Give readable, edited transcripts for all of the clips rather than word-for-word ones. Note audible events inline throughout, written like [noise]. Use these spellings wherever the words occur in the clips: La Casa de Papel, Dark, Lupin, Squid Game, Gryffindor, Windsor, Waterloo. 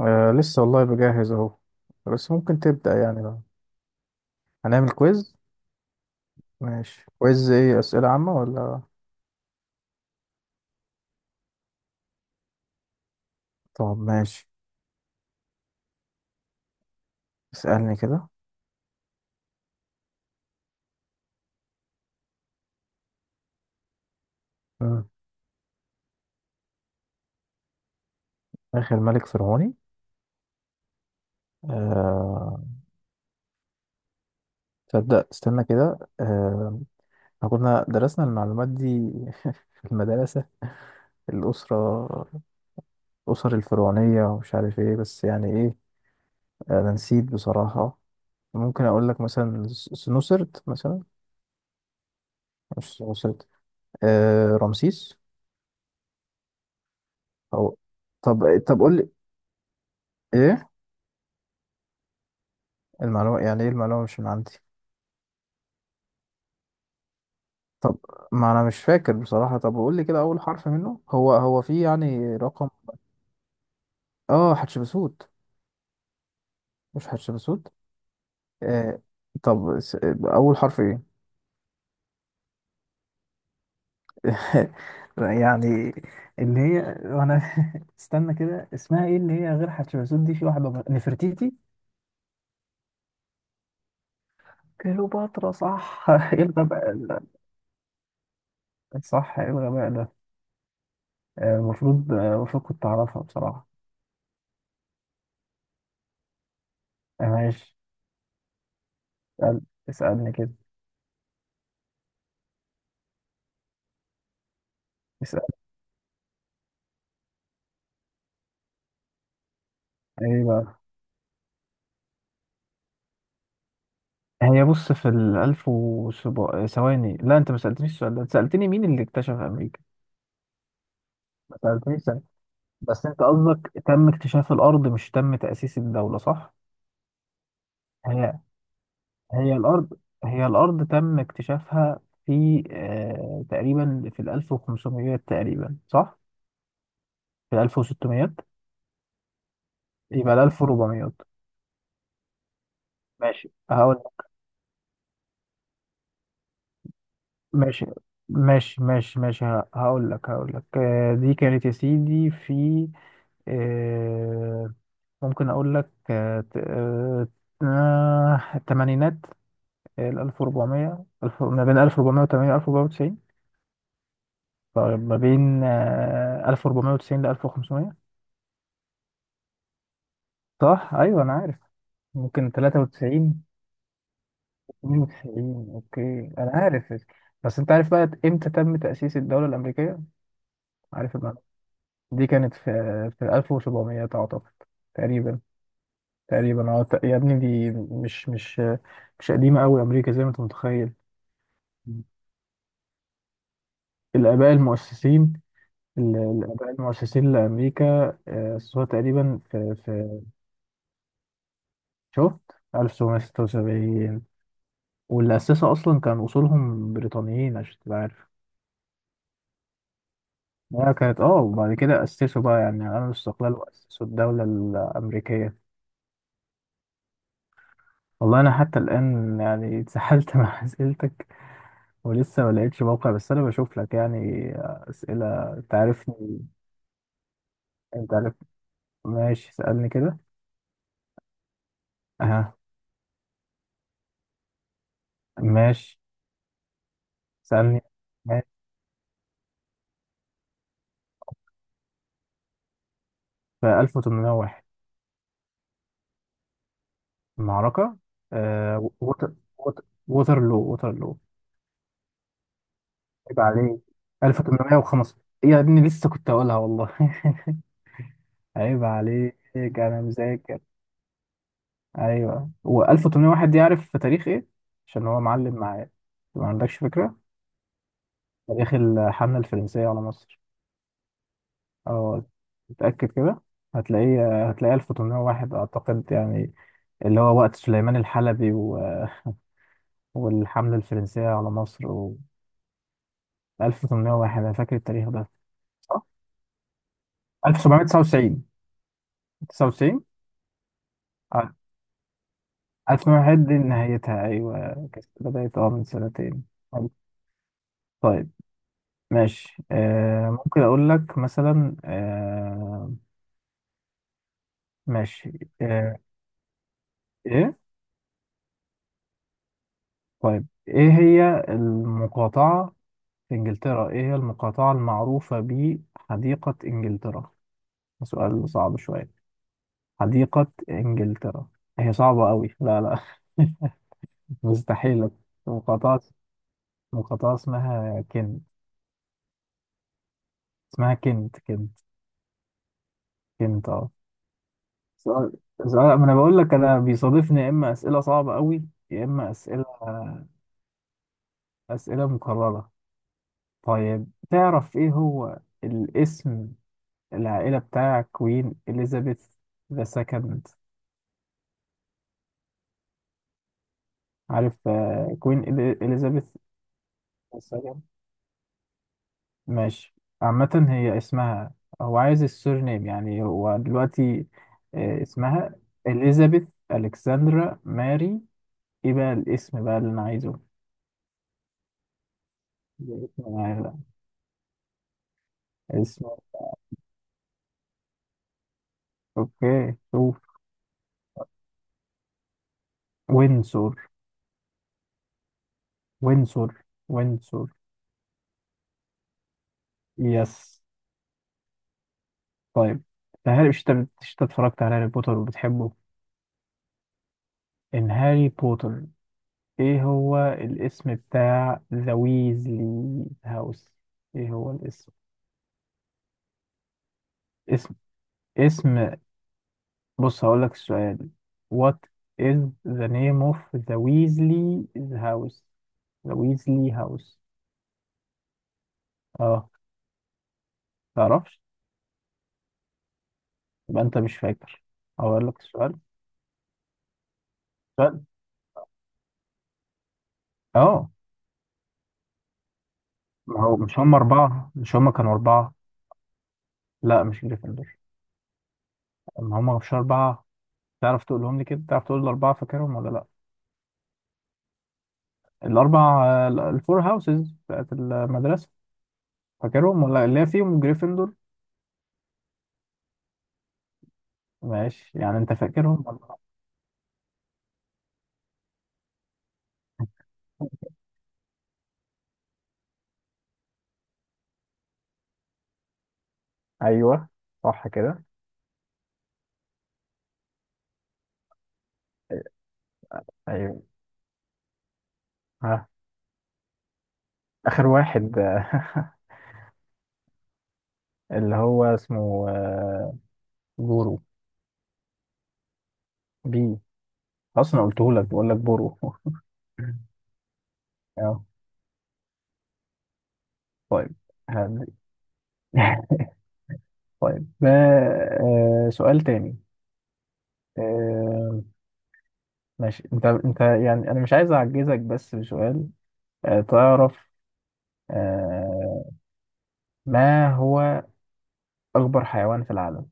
لسه والله بجهز اهو. بس ممكن تبدأ يعني بقى، هنعمل كويز. ماشي، كويز ايه؟ أسئلة عامة ولا؟ طب ماشي، اسألني كده. مم. آخر ملك فرعوني؟ آه تصدق استنى كده، إحنا كنا درسنا المعلومات دي [laughs] في المدرسة، الأسرة الأسر الفرعونية ومش عارف ايه، بس يعني ايه، آه، أنا نسيت بصراحة. ممكن أقول لك مثلا سنوسرت مثلا. مش سنوسرت. آه، رمسيس. أو، طب قول ايه. المعلومة يعني ايه؟ المعلومة مش من عندي. طب ما انا مش فاكر بصراحة، طب قول لي كده، اول حرف منه هو في يعني رقم. اه، حتشبسوت. مش حتشبسوت. آه، طب اول حرف ايه؟ [laughs] يعني اللي هي وانا، [laughs] استنى كده اسمها ايه؟ اللي هي غير حتشبسوت دي، في واحدة نفرتيتي. كليوباترا، صح. [laughs] ايه الغباء ده؟ صح، ايه الغباء ده. آه، المفروض كنت اعرفها بصراحة. آه، ماشي. اسأل- اسألني كده. اسأل. ايه بقى؟ هي بص، في الألف وسبع ثواني. لا، أنت ما سألتنيش السؤال ده، أنت سألتني مين اللي اكتشف أمريكا. ما سألتنيش، سألت. بس أنت قصدك تم اكتشاف الأرض مش تم تأسيس الدولة، صح؟ هي هي الأرض تم اكتشافها في، آه، تقريبا، في الألف وخمسميات تقريبا، صح؟ في الألف وستميات. يبقى الألف وربعميات. ماشي هقول لك. ماشي هقول لك، آه، دي كانت يا سيدي في، آه، ممكن اقول لك، آه، الثمانينات. ال 1400، ما بين 1480 و 1490. طيب ما بين، آه، 1490 ل 1500. صح، ايوه انا عارف. ممكن 93. 92، اوكي انا عارف. بس انت عارف بقى امتى تم تأسيس الدولة الأمريكية؟ عارف المعلومة؟ دي كانت في، 1700 اعتقد. تقريبا. اه، يا ابني، دي مش، مش قديمة قوي أمريكا زي ما انت متخيل. الآباء المؤسسين، ال- الآباء المؤسسين لأمريكا، آه، أسسوها تقريبا في، شفت، 1776. واللي أسسها أصلا كان أصولهم بريطانيين عشان تبقى عارف. هي كانت، اه، وبعد كده أسسوا بقى يعني، عملوا الاستقلال وأسسوا الدولة الأمريكية. والله أنا حتى الآن يعني اتسحلت [laughs] مع أسئلتك، ولسه ما لقيتش موقع، بس أنا بشوف لك يعني أسئلة، أنت عارفني. أنت عارف، ماشي سألني كده. أها، ماشي، سألني. ماشي. في 1801. معركة. آه ووتر ووترلو. عيب عليك. 1805. يا ابني لسه كنت هقولها والله [laughs] عيب عليك، انا مذاكر. ايوه، و1801 دي عارف في تاريخ ايه؟ عشان هو معلم معايا. ما عندكش فكرة. تاريخ الحملة الفرنسية على مصر. اه، متأكد كده. هتلاقيه 1801 اعتقد يعني، اللي هو وقت سليمان الحلبي و... والحملة الفرنسية على مصر و 1801، انا فاكر التاريخ ده. 1799. 99. اه، 1801 دي نهايتها، ايوه، كانت بدأت اه من سنتين. حلو. طيب ماشي. آه، ممكن اقول لك مثلا، آه، ماشي، آه، ايه؟ طيب، ايه هي المقاطعة في انجلترا، ايه هي المقاطعة المعروفة بحديقة انجلترا؟ ده سؤال صعب شوية. حديقة انجلترا. هي صعبة قوي، لا لا [laughs] مستحيل. مقاطعة، اسمها كنت. اسمها كنت. فهمت، اه. سؤال، ما انا بقول لك، انا بيصادفني يا اما اسئله صعبه قوي، يا اما اسئله، اسئله مكرره. طيب تعرف ايه هو الاسم العائله بتاع كوين اليزابيث ذا سكند؟ عارف، آه، كوين اليزابيث ذا سكند. ماشي، عامه هي اسمها، هو عايز السورنيم يعني، هو دلوقتي، آه، اسمها اليزابيث الكسندرا ماري، ايه بقى الاسم بقى اللي انا عايزه؟ ده اسم العائله. اسم، اوكي شوف. وينسور، وينسور، وينسور. يس. طيب، هاري، مش انت اتفرجت على هاري بوتر وبتحبه، ان هاري بوتر، ايه هو الاسم بتاع ذا ويزلي هاوس؟ ايه هو الاسم؟ اسم، اسم بص هقول لك السؤال. What is the name of the Weasley house, the Weasley house? اه، تعرفش؟ يبقى انت مش فاكر. هقول لك السؤال. سؤال. اه، ما هو، مش هم كانوا أربعة؟ لا مش جريفندور. ما هم مش أربعة؟ تعرف تقولهم لي كده، تعرف تقول الأربعة، فاكرهم ولا لا؟ الأربع، آه، الفور هاوسز بتاعت المدرسة، فاكرهم؟ ولا اللي هي فيهم جريفندور؟ ماشي يعني، أنت فاكرهم ولا لا؟ ايوه صح كده. ايوه. ها، اخر واحد [laughs] اللي هو اسمه، آه، بورو. بي. أصلا قلته لك، بقول لك بورو [laughs] أه. طيب، هذه [laughs] طيب، آه، سؤال تاني. آه، ماشي، انت يعني، انا مش عايز اعجزك بس بسؤال. آه تعرف، آه، ما هو اكبر حيوان في العالم؟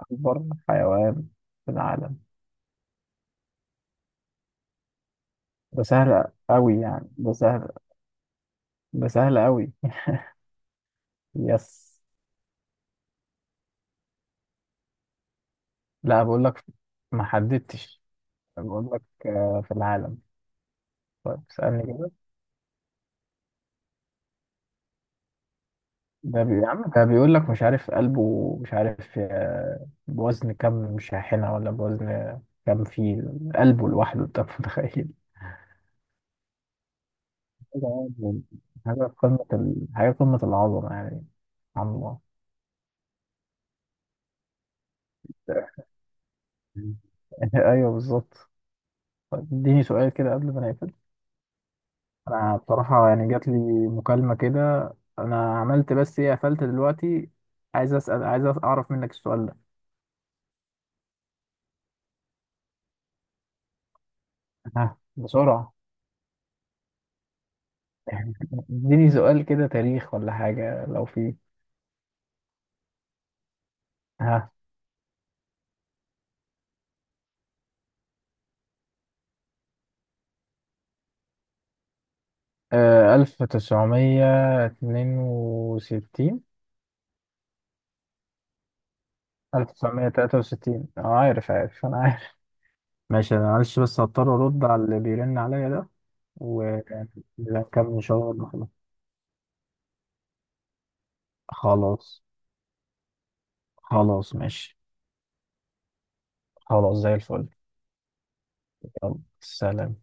اكبر حيوان في العالم. ده سهل قوي يعني، ده سهل. ده سهل قوي. يس. لا بقول لك، ما حددتش. بقول لك آه، في العالم. طيب اسالني كده. ده بي... يا عم، ده بيقول لك مش عارف، قلبه مش عارف، آه، بوزن كم شاحنة، ولا بوزن كام فيل. قلبه لوحده، انت متخيل. طبعاً، حاجة قمة ال... حاجة قمة العظمة يعني. سبحان الله. [laughs] أيوه بالظبط. طيب اديني سؤال كده قبل ما نقفل. أنا بصراحة يعني جات لي مكالمة كده، أنا عملت بس إيه قفلت دلوقتي، عايز أسأل، عايز أعرف منك السؤال ده. ها بسرعة. [laughs] اديني سؤال كده، تاريخ ولا حاجة لو في. ها. ألف تسعمية اتنين وستين. ألف تسعمية تلاتة وستين، أه عارف عارف، أنا عارف. ماشي، انا معلش بس هضطر ارد على اللي بيرن عليا ده، ونكمل ان شاء الله. خلاص، خلاص ماشي. خلاص زي الفل. يلا سلام.